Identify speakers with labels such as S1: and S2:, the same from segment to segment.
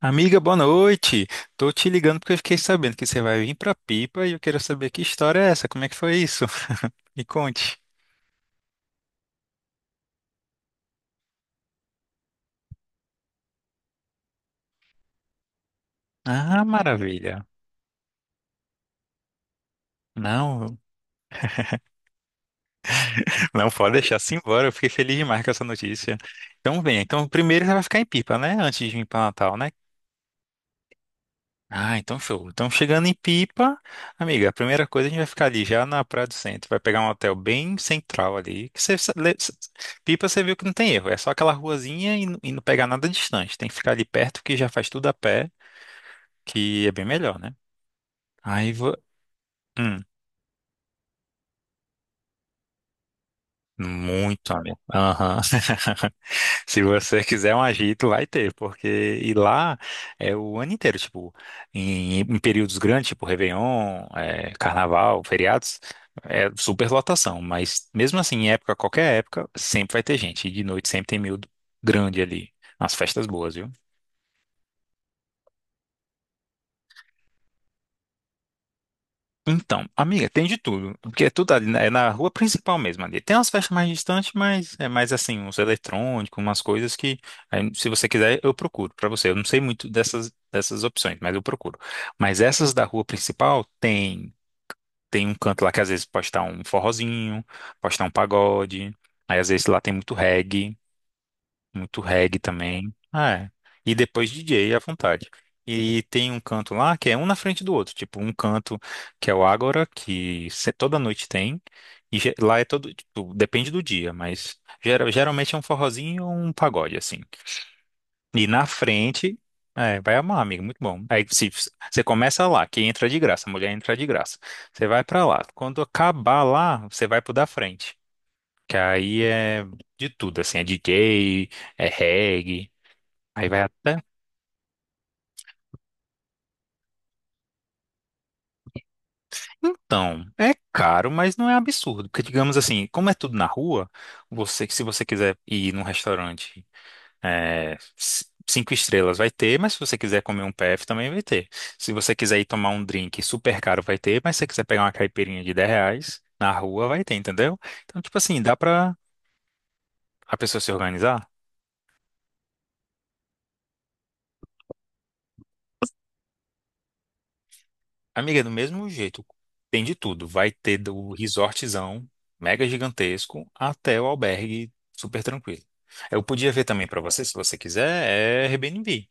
S1: Amiga, boa noite. Tô te ligando porque eu fiquei sabendo que você vai vir pra Pipa e eu quero saber que história é essa, como é que foi isso? Me conte. Ah, maravilha. Não, não pode deixar assim embora. Eu fiquei feliz demais com essa notícia. Então vem. Então primeiro você vai ficar em Pipa, né? Antes de vir pra Natal, né? Ah, então show. Então chegando em Pipa, amiga, a primeira coisa a gente vai ficar ali já na Praia do Centro, vai pegar um hotel bem central ali, que você, Pipa você viu que não tem erro, é só aquela ruazinha e, e não pegar nada distante, tem que ficar ali perto que já faz tudo a pé, que é bem melhor, né? Aí vou. Hum. Muito amigo. Aham. Se você quiser um agito, vai ter, porque e lá é o ano inteiro, tipo, em períodos grandes, tipo Réveillon, é, Carnaval, feriados, é super lotação, mas mesmo assim, em época, qualquer época, sempre vai ter gente, e de noite sempre tem miúdo grande ali, nas festas boas, viu? Então, amiga, tem de tudo, porque é tudo ali, né, é na rua principal mesmo ali. Tem umas festas mais distantes, mas é mais assim, uns eletrônicos, umas coisas que, aí, se você quiser, eu procuro pra você. Eu não sei muito dessas opções, mas eu procuro. Mas essas da rua principal tem um canto lá que às vezes pode estar um forrozinho, pode estar um pagode, aí às vezes lá tem muito reggae. Muito reggae também. Ah, é. E depois DJ à vontade. E tem um canto lá que é um na frente do outro. Tipo, um canto que é o Ágora, que toda noite tem. E lá é todo, tipo, depende do dia, mas geralmente é um forrozinho ou um pagode, assim. E na frente, é, vai amar, amigo, muito bom. Aí se, você começa lá, que entra de graça, a mulher entra de graça. Você vai pra lá. Quando acabar lá, você vai pro da frente. Que aí é de tudo, assim, é DJ, é reggae. Aí vai até. Então, é caro, mas não é absurdo. Porque, digamos assim, como é tudo na rua, você, se você quiser ir num restaurante é, 5 estrelas, vai ter, mas se você quiser comer um PF, também vai ter. Se você quiser ir tomar um drink super caro, vai ter, mas se você quiser pegar uma caipirinha de R$ 10 na rua, vai ter, entendeu? Então, tipo assim, dá pra a pessoa se organizar. Amiga, do mesmo jeito, tem de tudo. Vai ter do resortzão mega gigantesco até o albergue super tranquilo. Eu podia ver também pra você, se você quiser, é Airbnb,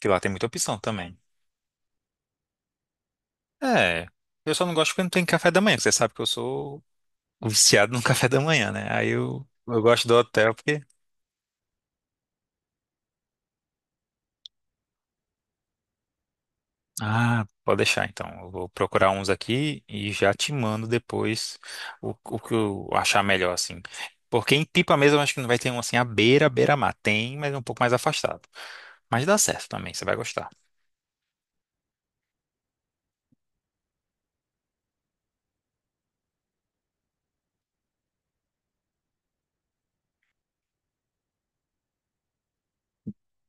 S1: que lá tem muita opção também. É, eu só não gosto porque não tem café da manhã, que você sabe que eu sou viciado no café da manhã, né? Aí eu gosto do hotel porque Ah, pode deixar então. Eu vou procurar uns aqui e já te mando depois o que eu achar melhor, assim. Porque em Pipa mesmo eu acho que não vai ter um assim à beira, beira-mar. Tem, mas é um pouco mais afastado. Mas dá certo também, você vai gostar.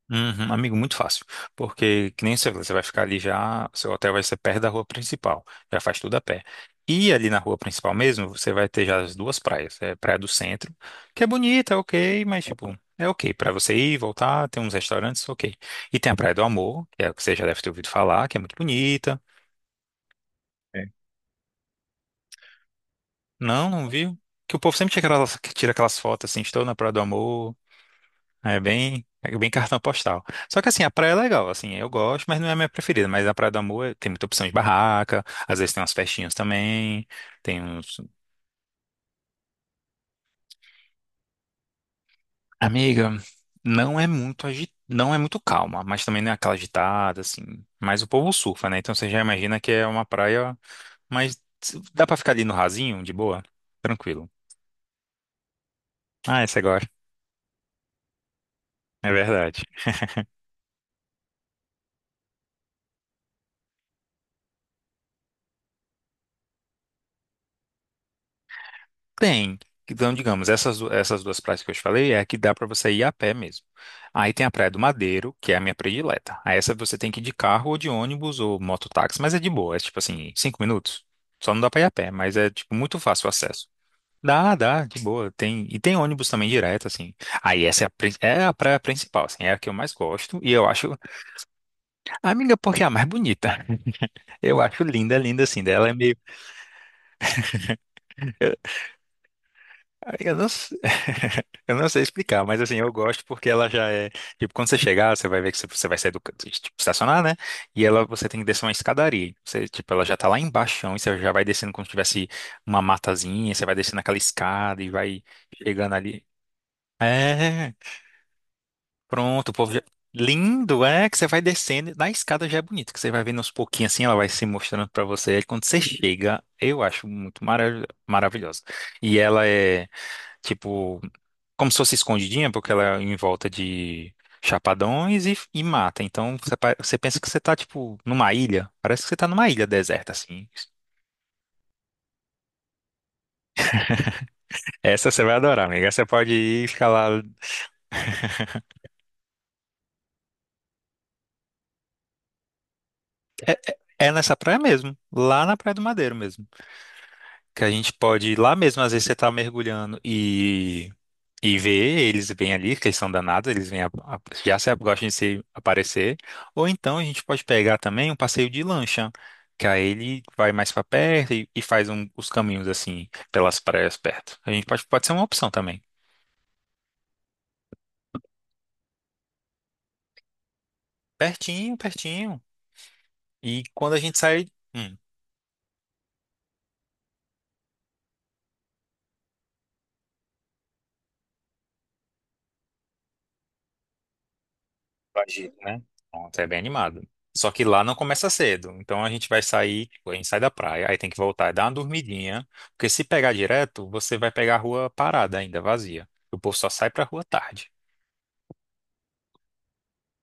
S1: Uhum, amigo, muito fácil. Porque, que nem você falou, você vai ficar ali já, seu hotel vai ser perto da rua principal, já faz tudo a pé. E ali na rua principal mesmo, você vai ter já as duas praias. É a Praia do Centro, que é bonita, é ok, mas tipo, é ok. Pra você ir, voltar, tem uns restaurantes, ok. E tem a Praia do Amor, que é a que você já deve ter ouvido falar, que é muito bonita. É. Não, não viu? Que o povo sempre tira aquelas, que tira aquelas fotos assim, estou na Praia do Amor. É bem cartão postal. Só que assim, a praia é legal, assim, eu gosto, mas não é a minha preferida. Mas a Praia do Amor tem muita opção de barraca, às vezes tem umas festinhas também, tem uns... Amiga, não é muito agi... não é muito calma, mas também não é aquela agitada, assim. Mas o povo surfa, né? Então você já imagina que é uma praia, mas dá pra ficar ali no rasinho, de boa, tranquilo. Ah, você gosta. É verdade. Tem. Então, digamos, essas, essas duas praias que eu te falei é a que dá para você ir a pé mesmo. Aí tem a Praia do Madeiro, que é a minha predileta. Aí essa você tem que ir de carro ou de ônibus ou mototáxi, mas é de boa, é tipo assim, 5 minutos. Só não dá para ir a pé, mas é tipo muito fácil o acesso. Dá, dá, de boa. Tem, e tem ônibus também direto, assim. Aí essa é a, é a praia principal, assim, é a que eu mais gosto. E eu acho, amiga, porque é a mais bonita. Eu acho linda, linda, assim. Dela é meio Eu não, s- eu não sei explicar, mas assim, eu gosto porque ela já é. Tipo, quando você chegar, você vai ver que você vai sair do tipo, estacionar, né? E ela, você tem que descer uma escadaria. Você, tipo, ela já tá lá embaixo, e você já vai descendo como se tivesse uma matazinha, você vai descendo aquela escada e vai chegando ali. É, pronto, o povo já. Lindo, é que você vai descendo, na escada já é bonito, que você vai vendo aos pouquinhos assim, ela vai se mostrando pra você. Aí quando você chega, eu acho muito maravilhosa. E ela é, tipo como se fosse escondidinha, porque ela é em volta de chapadões e mata. Então você, você pensa que você tá, tipo, numa ilha. Parece que você tá numa ilha deserta, assim. Essa você vai adorar, amiga. Essa Você pode ir e ficar lá. É nessa praia mesmo, lá na Praia do Madeiro mesmo. Que a gente pode ir lá mesmo, às vezes você tá mergulhando e ver, eles vêm ali, que eles são danados, eles vêm já se, gostam de se aparecer. Ou então a gente pode pegar também um passeio de lancha, que aí ele vai mais pra perto e faz um- os caminhos assim, pelas praias perto. A gente pode, pode ser uma opção também. Pertinho, pertinho. E quando a gente sai. Agito, né? Pronto, é bem animado. Só que lá não começa cedo. Então a gente vai sair, tipo, a gente sai da praia, aí tem que voltar e dar uma dormidinha. Porque se pegar direto, você vai pegar a rua parada ainda, vazia. O povo só sai pra rua tarde.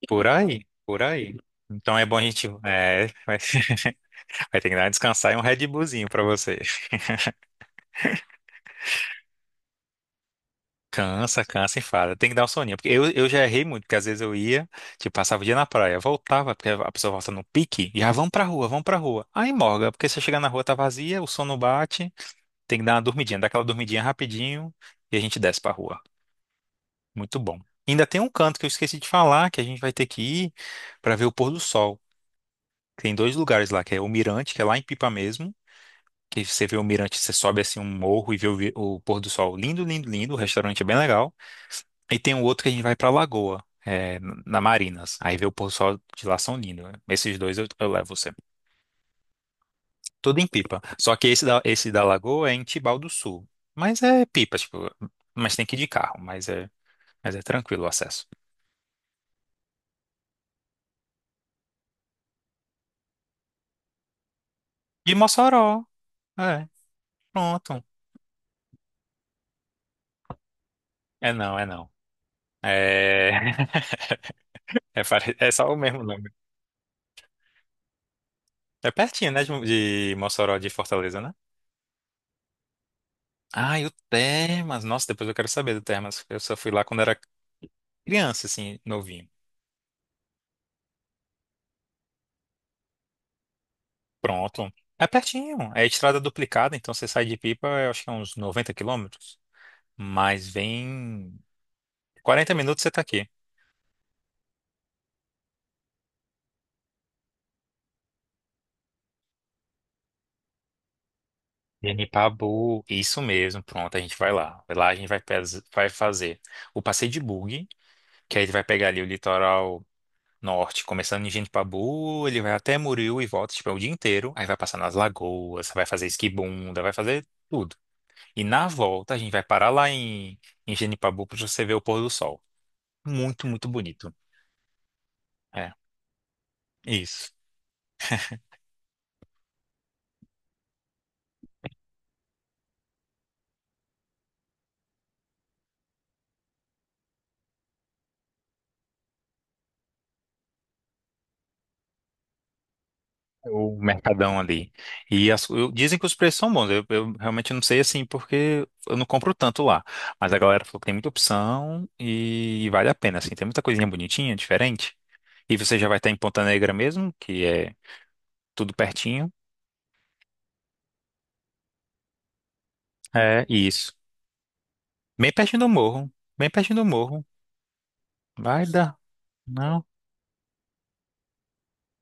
S1: Por aí, por aí. Então é bom a gente. É, vai, vai ter que dar uma descansar e um Red Bullzinho pra você. Cansa, cansa, enfada. Tem que dar um soninho. Porque eu já errei muito, porque às vezes eu ia, tipo, passava o dia na praia, voltava, porque a pessoa volta no pique, e já vamos pra rua, vamos pra rua. Aí morga, porque se eu chegar na rua tá vazia, o sono bate, tem que dar uma dormidinha, dá aquela dormidinha rapidinho e a gente desce pra rua. Muito bom. Ainda tem um canto que eu esqueci de falar, que a gente vai ter que ir pra ver o pôr do sol. Tem dois lugares lá, que é o Mirante, que é lá em Pipa mesmo, que você vê o mirante, você sobe assim um morro e vê o pôr do sol. Lindo, lindo, lindo. O restaurante é bem legal. E tem um outro que a gente vai pra Lagoa, é, na Marinas. Aí vê o pôr do sol de lá são lindo. Esses dois eu levo você. Tudo em pipa. Só que esse da Lagoa é em Tibau do Sul. Mas é pipa, tipo, mas tem que ir de carro, mas é tranquilo o acesso. De Mossoró. É, pronto. É não, é não. É, é, pare- é só o mesmo nome. É pertinho, né, de Mossoró de Fortaleza, né? Ah, e o Termas. Nossa, depois eu quero saber do Termas. Eu só fui lá quando era criança, assim, novinho. Pronto. É pertinho. É estrada duplicada, então você sai de Pipa, eu acho que é uns 90 quilômetros. Mas vem 40 minutos você tá aqui. Genipabu, isso mesmo, pronto, a gente vai lá. Lá a gente vai, vai fazer o passeio de bug, que aí ele vai pegar ali o litoral norte, começando em Genipabu, ele vai até Muril e volta, tipo, é o dia inteiro. Aí vai passar nas lagoas, vai fazer esquibunda, vai fazer tudo. E na volta a gente vai parar lá em, em Genipabu para você ver o pôr do sol. Muito, muito bonito. É, isso. O mercadão ali. E as- eu- dizem que os preços são bons. Eu realmente não sei assim, porque eu não compro tanto lá. Mas a galera falou que tem muita opção e, vale a pena, assim. Tem muita coisinha bonitinha, diferente. E você já vai estar em Ponta Negra mesmo, que é tudo pertinho. É, isso. Bem pertinho do morro. Bem pertinho do morro. Vai dar. Não.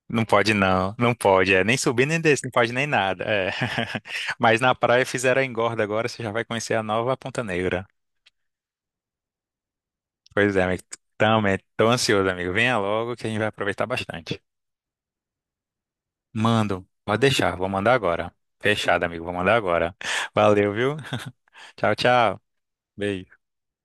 S1: Não pode não, não pode, é, nem subir nem descer, não pode nem nada, é. Mas na praia fizeram a engorda agora, você já vai conhecer a nova Ponta Negra. Pois é, amigo, também tô ansioso, amigo, venha logo que a gente vai aproveitar bastante. Mando, pode deixar, vou mandar agora. Fechado, amigo, vou mandar agora. Valeu, viu? Tchau, tchau. Beijo.